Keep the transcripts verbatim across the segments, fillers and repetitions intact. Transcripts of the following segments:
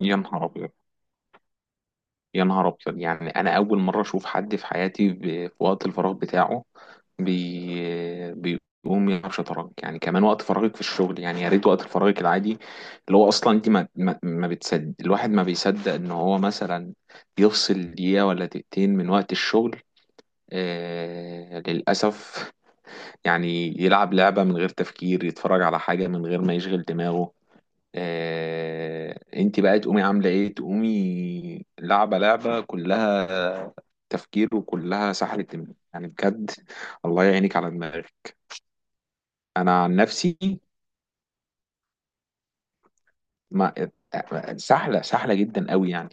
يا نهار ابيض، يا نهار ابيض، يعني انا اول مره اشوف حد في حياتي ب- في وقت الفراغ بتاعه بي... بيقوم يلعب شطرنج. يعني كمان وقت فراغك في الشغل؟ يعني يا ريت وقت فراغك العادي اللي هو اصلا انت ما ما, ما بتصدق، الواحد ما بيصدق ان هو مثلا يفصل دقيقه ولا دقيقتين من وقت الشغل. آه... للاسف. يعني يلعب لعبه من غير تفكير، يتفرج على حاجه من غير ما يشغل دماغه. آه، انت بقى تقومي عامله ايه؟ تقومي لعبه، لعبه كلها تفكير وكلها سحله دماغ. يعني بجد الله يعينك على دماغك. انا عن نفسي ما سحله سحله جدا قوي يعني.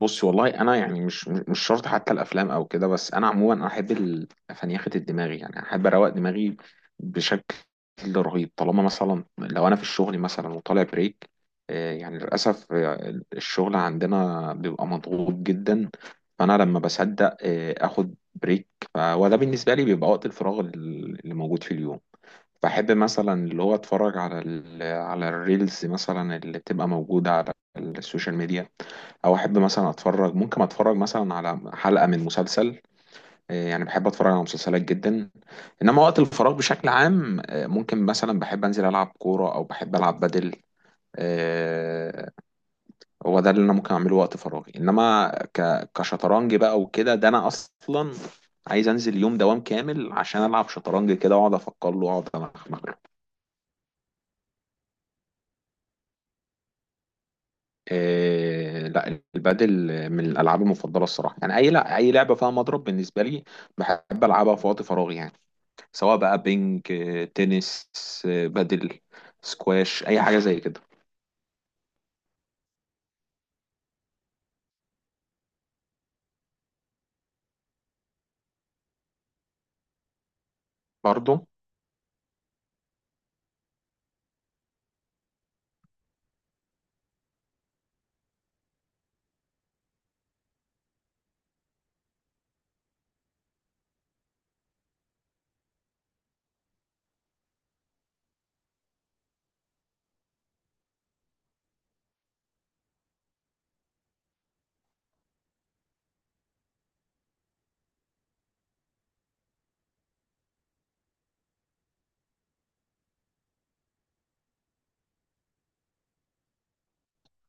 بصي والله انا يعني مش مش شرط حتى الافلام او كده، بس انا عموما انا احب الفنيخه دماغي، يعني احب اروق دماغي بشكل رهيب. طالما مثلا لو انا في الشغل مثلا وطالع بريك، آه، يعني للاسف آه، الشغل عندنا بيبقى مضغوط جدا. فانا لما بصدق آه، اخد بريك، ف- وده بالنسبه لي بيبقى وقت الفراغ اللي موجود في اليوم. بحب مثلا اللي هو اتفرج على ال على الريلز مثلا اللي بتبقى موجودة على السوشيال ميديا، او احب مثلا اتفرج، ممكن اتفرج مثلا على حلقة من مسلسل. آه، يعني بحب اتفرج على مسلسلات جدا. انما وقت الفراغ بشكل عام آه، ممكن مثلا بحب انزل العب كورة، او بحب العب بدل. آه، هو ده اللي انا ممكن اعمله وقت فراغي. انما ك- كشطرنج بقى وكده، ده انا اصلا عايز انزل يوم دوام كامل عشان العب شطرنج كده واقعد افكر له واقعد. آه، لا، البادل من الالعاب المفضله الصراحه. يعني اي، لا، اي لعبه فيها مضرب بالنسبه لي بحب العبها في وقت فراغي يعني. سواء بقى بينج آه، تنس، آه، بادل، سكواش، اي حاجه زي كده. برضه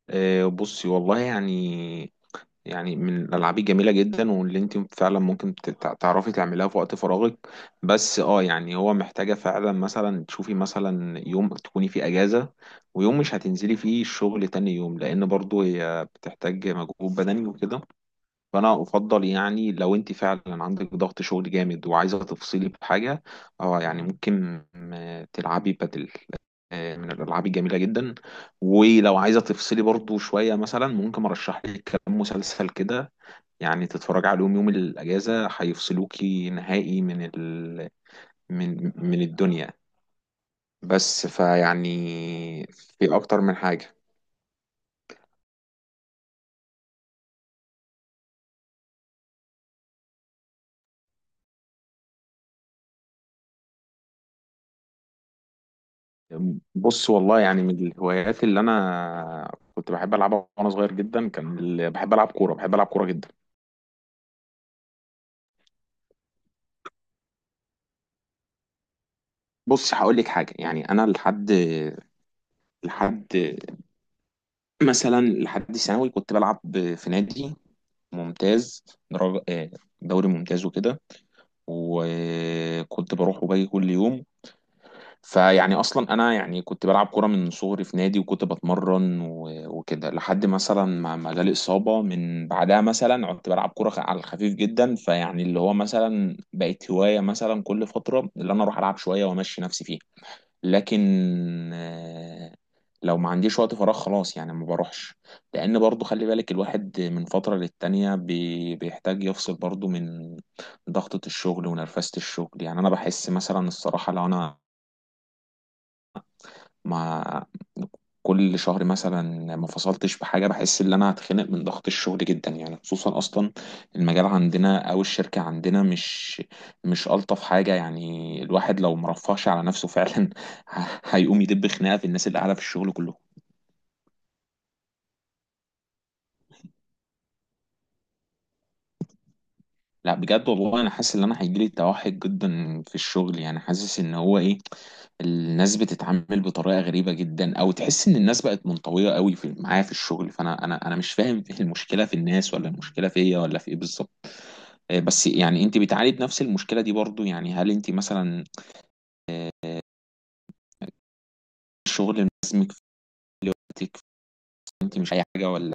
آه، بصي والله يعني، يعني من الالعاب الجميله جدا واللي انت فعلا ممكن ت- تع- تعرفي تعمليها في وقت فراغك. بس اه يعني هو محتاجه فعلا مثلا تشوفي مثلا يوم تكوني فيه اجازه، ويوم مش هتنزلي فيه الشغل تاني يوم، لان برضو هي بتحتاج مجهود بدني وكده. فانا افضل يعني لو انت فعلا عندك ضغط شغل جامد وعايزه تفصلي بحاجه، اه يعني ممكن آه، تلعبي بادل. آه، من الالعاب الجميله جدا. ولو عايزه تفصلي برضو شويه، مثلا ممكن ارشح لك كام مسلسل كده يعني تتفرج عليهم يوم الأجازة، هيفصلوكي نهائي من ال... من من الدنيا. بس فيعني في أكتر من حاجة. بص والله يعني من الهوايات اللي أنا كنت بحب ألعبها وأنا صغير جدا كان ال- بحب ألعب كورة، بحب ألعب كورة جدا. بص هقول لك حاجة، يعني أنا لحد لحد مثلا لحد ثانوي كنت بلعب في نادي ممتاز، درجة آه، دوري ممتاز وكده، وكنت بروح وباجي كل يوم. فيعني اصلا انا يعني كنت بلعب كوره من صغري في نادي، وكنت بتمرن و- وكده لحد مثلا ما ما جالي اصابه. من بعدها مثلا كنت بلعب كوره خ- على الخفيف جدا، فيعني اللي هو مثلا بقت هوايه مثلا كل فتره اللي انا اروح العب شويه وامشي نفسي فيها. لكن آه، لو ما عنديش وقت فراغ خلاص يعني ما بروحش، لان برضو خلي بالك الواحد من فتره للتانيه بي- بيحتاج يفصل برضو من ضغطه الشغل ونرفزه الشغل. يعني انا بحس مثلا الصراحه لو انا ما كل شهر مثلا ما فصلتش بحاجه، بحس ان انا هتخنق من ضغط الشغل جدا، يعني خصوصا اصلا المجال عندنا او الشركه عندنا مش مش الطف حاجه. يعني الواحد لو مرفهش على نفسه فعلا هيقوم يدب خناقه في الناس اللي قاعده في الشغل كلهم. لا بجد والله انا حاسس ان انا هيجيلي توحد جدا في الشغل، يعني حاسس ان هو ايه، الناس بتتعامل بطريقه غريبه جدا، او تحس ان الناس بقت منطويه قوي في معايا في الشغل. فانا انا انا مش فاهم ايه المشكله، في الناس ولا المشكله فيا ولا في ايه بالظبط. آه، بس يعني انت بتعاني نفس المشكله دي برضو؟ يعني هل انت مثلا الشغل ملازمك في وقتك؟ انت مش اي حاجه ولا؟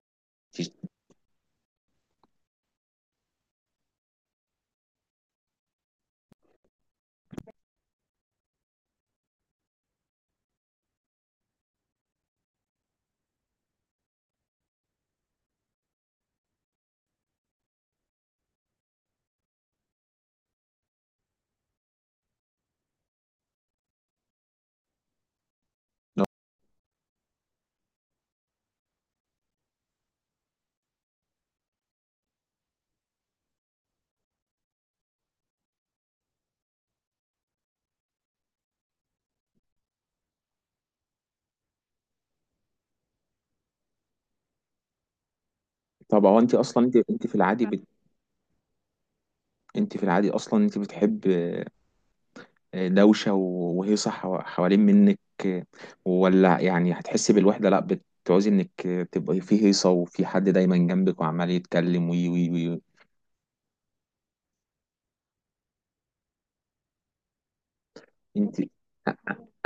طب هو انت اصلا انت انت في العادي بت... انت في العادي اصلا انت بتحب دوشة و- وهيصة حوا- حوالين منك، ولا يعني هتحسي بالوحدة، لا بتعوزي انك تبقي في هيصة وفي حد دايما جنبك وعمال يتكلم وي وي وي انت،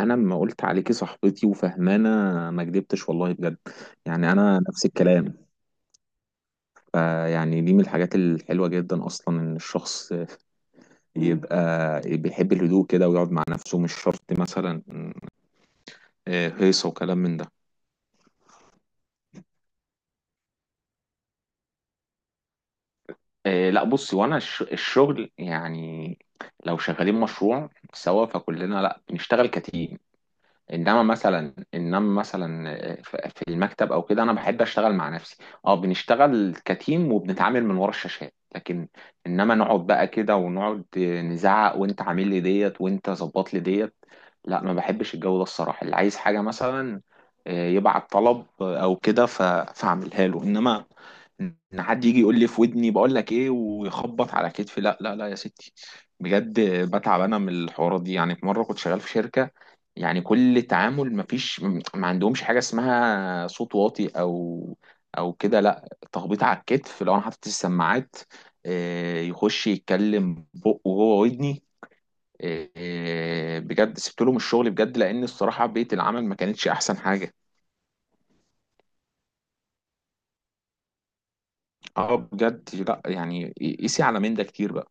انا لما قلت عليكي صاحبتي وفهمانة ما كدبتش والله بجد. يعني انا نفس الكلام. فيعني دي من الحاجات الحلوة جدا اصلا ان الشخص يبقى بيحب الهدوء كده ويقعد مع نفسه، مش شرط مثلا آه، هيصة وكلام من ده. إيه، لا بصي، وانا الش- الشغل يعني لو شغالين مشروع سوا فكلنا، لا بنشتغل كتيم. انما مثلا، انما مثلا في في المكتب او كده انا بحب اشتغل مع نفسي. اه بنشتغل كتيم وبنتعامل من ورا الشاشات، لكن انما نقعد بقى كده ونقعد نزعق وانت عامل لي ديت وانت ظبط لي ديت، لا ما بحبش الجو ده الصراحه. اللي عايز حاجه مثلا آه، يبعت طلب او كده، ف- فاعملها له. انما ان حد يجي يقول لي في ودني بقول لك ايه ويخبط على كتفي، لا لا لا يا ستي، بجد بتعب انا من الحوارات دي. يعني في مره كنت شغال في شركه، يعني كل تعامل مفيش، ما عندهمش حاجة اسمها صوت واطي او او كده، لا تخبيط على الكتف لو انا حاطط السماعات، آه، يخش يتكلم بقه وهو ودني. آه، آه، بجد سبت لهم الشغل بجد لان الصراحة بيئة العمل ما كانتش احسن حاجة. اه بجد لا يعني قيسي على من ده كتير بقى،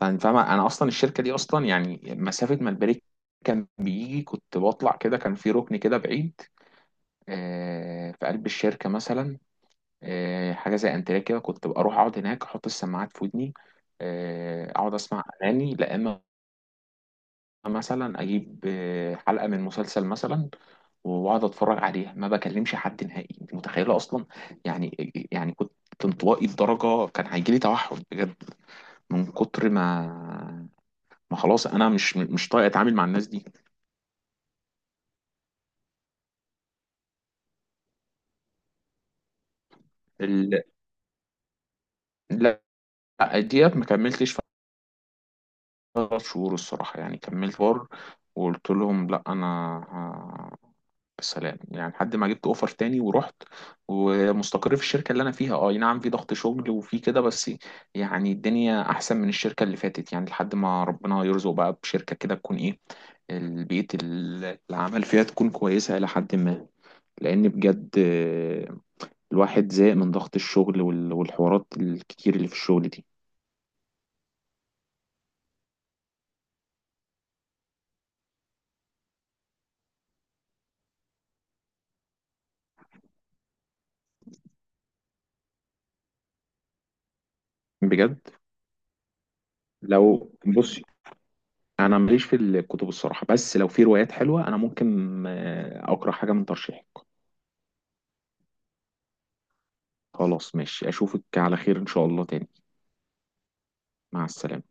فاهم فاهمة؟ انا اصلا الشركة دي اصلا يعني مسافة ما البريك كان بيجي كنت بطلع كده، كان في ركن كده بعيد آه، في قلب الشركة مثلا، آه، حاجه زي انتريه كده، كنت ببقى اروح اقعد هناك احط السماعات في ودني. آه، اقعد اسمع اغاني، لا اما مثلا اجيب آه، حلقه من مسلسل مثلا واقعد اتفرج عليها، ما بكلمش حد نهائي. انت متخيله اصلا؟ يعني يعني كنت انطوائي لدرجه كان هيجي لي توحد بجد، من كتر ما ما خلاص انا مش مش طايق اتعامل مع الناس دي. ال- لا، ديت ما كملتش ثلاث شهور الصراحه. يعني كملت شهور وقلت لهم لا انا سلام، يعني لحد ما جبت اوفر تاني ورحت. ومستقر في الشركه اللي انا فيها، اه أي نعم في ضغط شغل وفي كده، بس يعني الدنيا احسن من الشركه اللي فاتت. يعني لحد ما ربنا يرزق بقى بشركه كده تكون ايه، البيئه ال- العمل فيها تكون كويسه الى حد ما. لان بجد آه، الواحد زهق من ضغط الشغل وال- والحوارات الكتير اللي في الشغل دي. بجد لو بصي انا ماليش في الكتب الصراحه، بس لو في روايات حلوه انا ممكن آه، اقرا حاجه من ترشيحك. خلاص ماشي، اشوفك على خير ان شاء الله تاني. مع السلامة.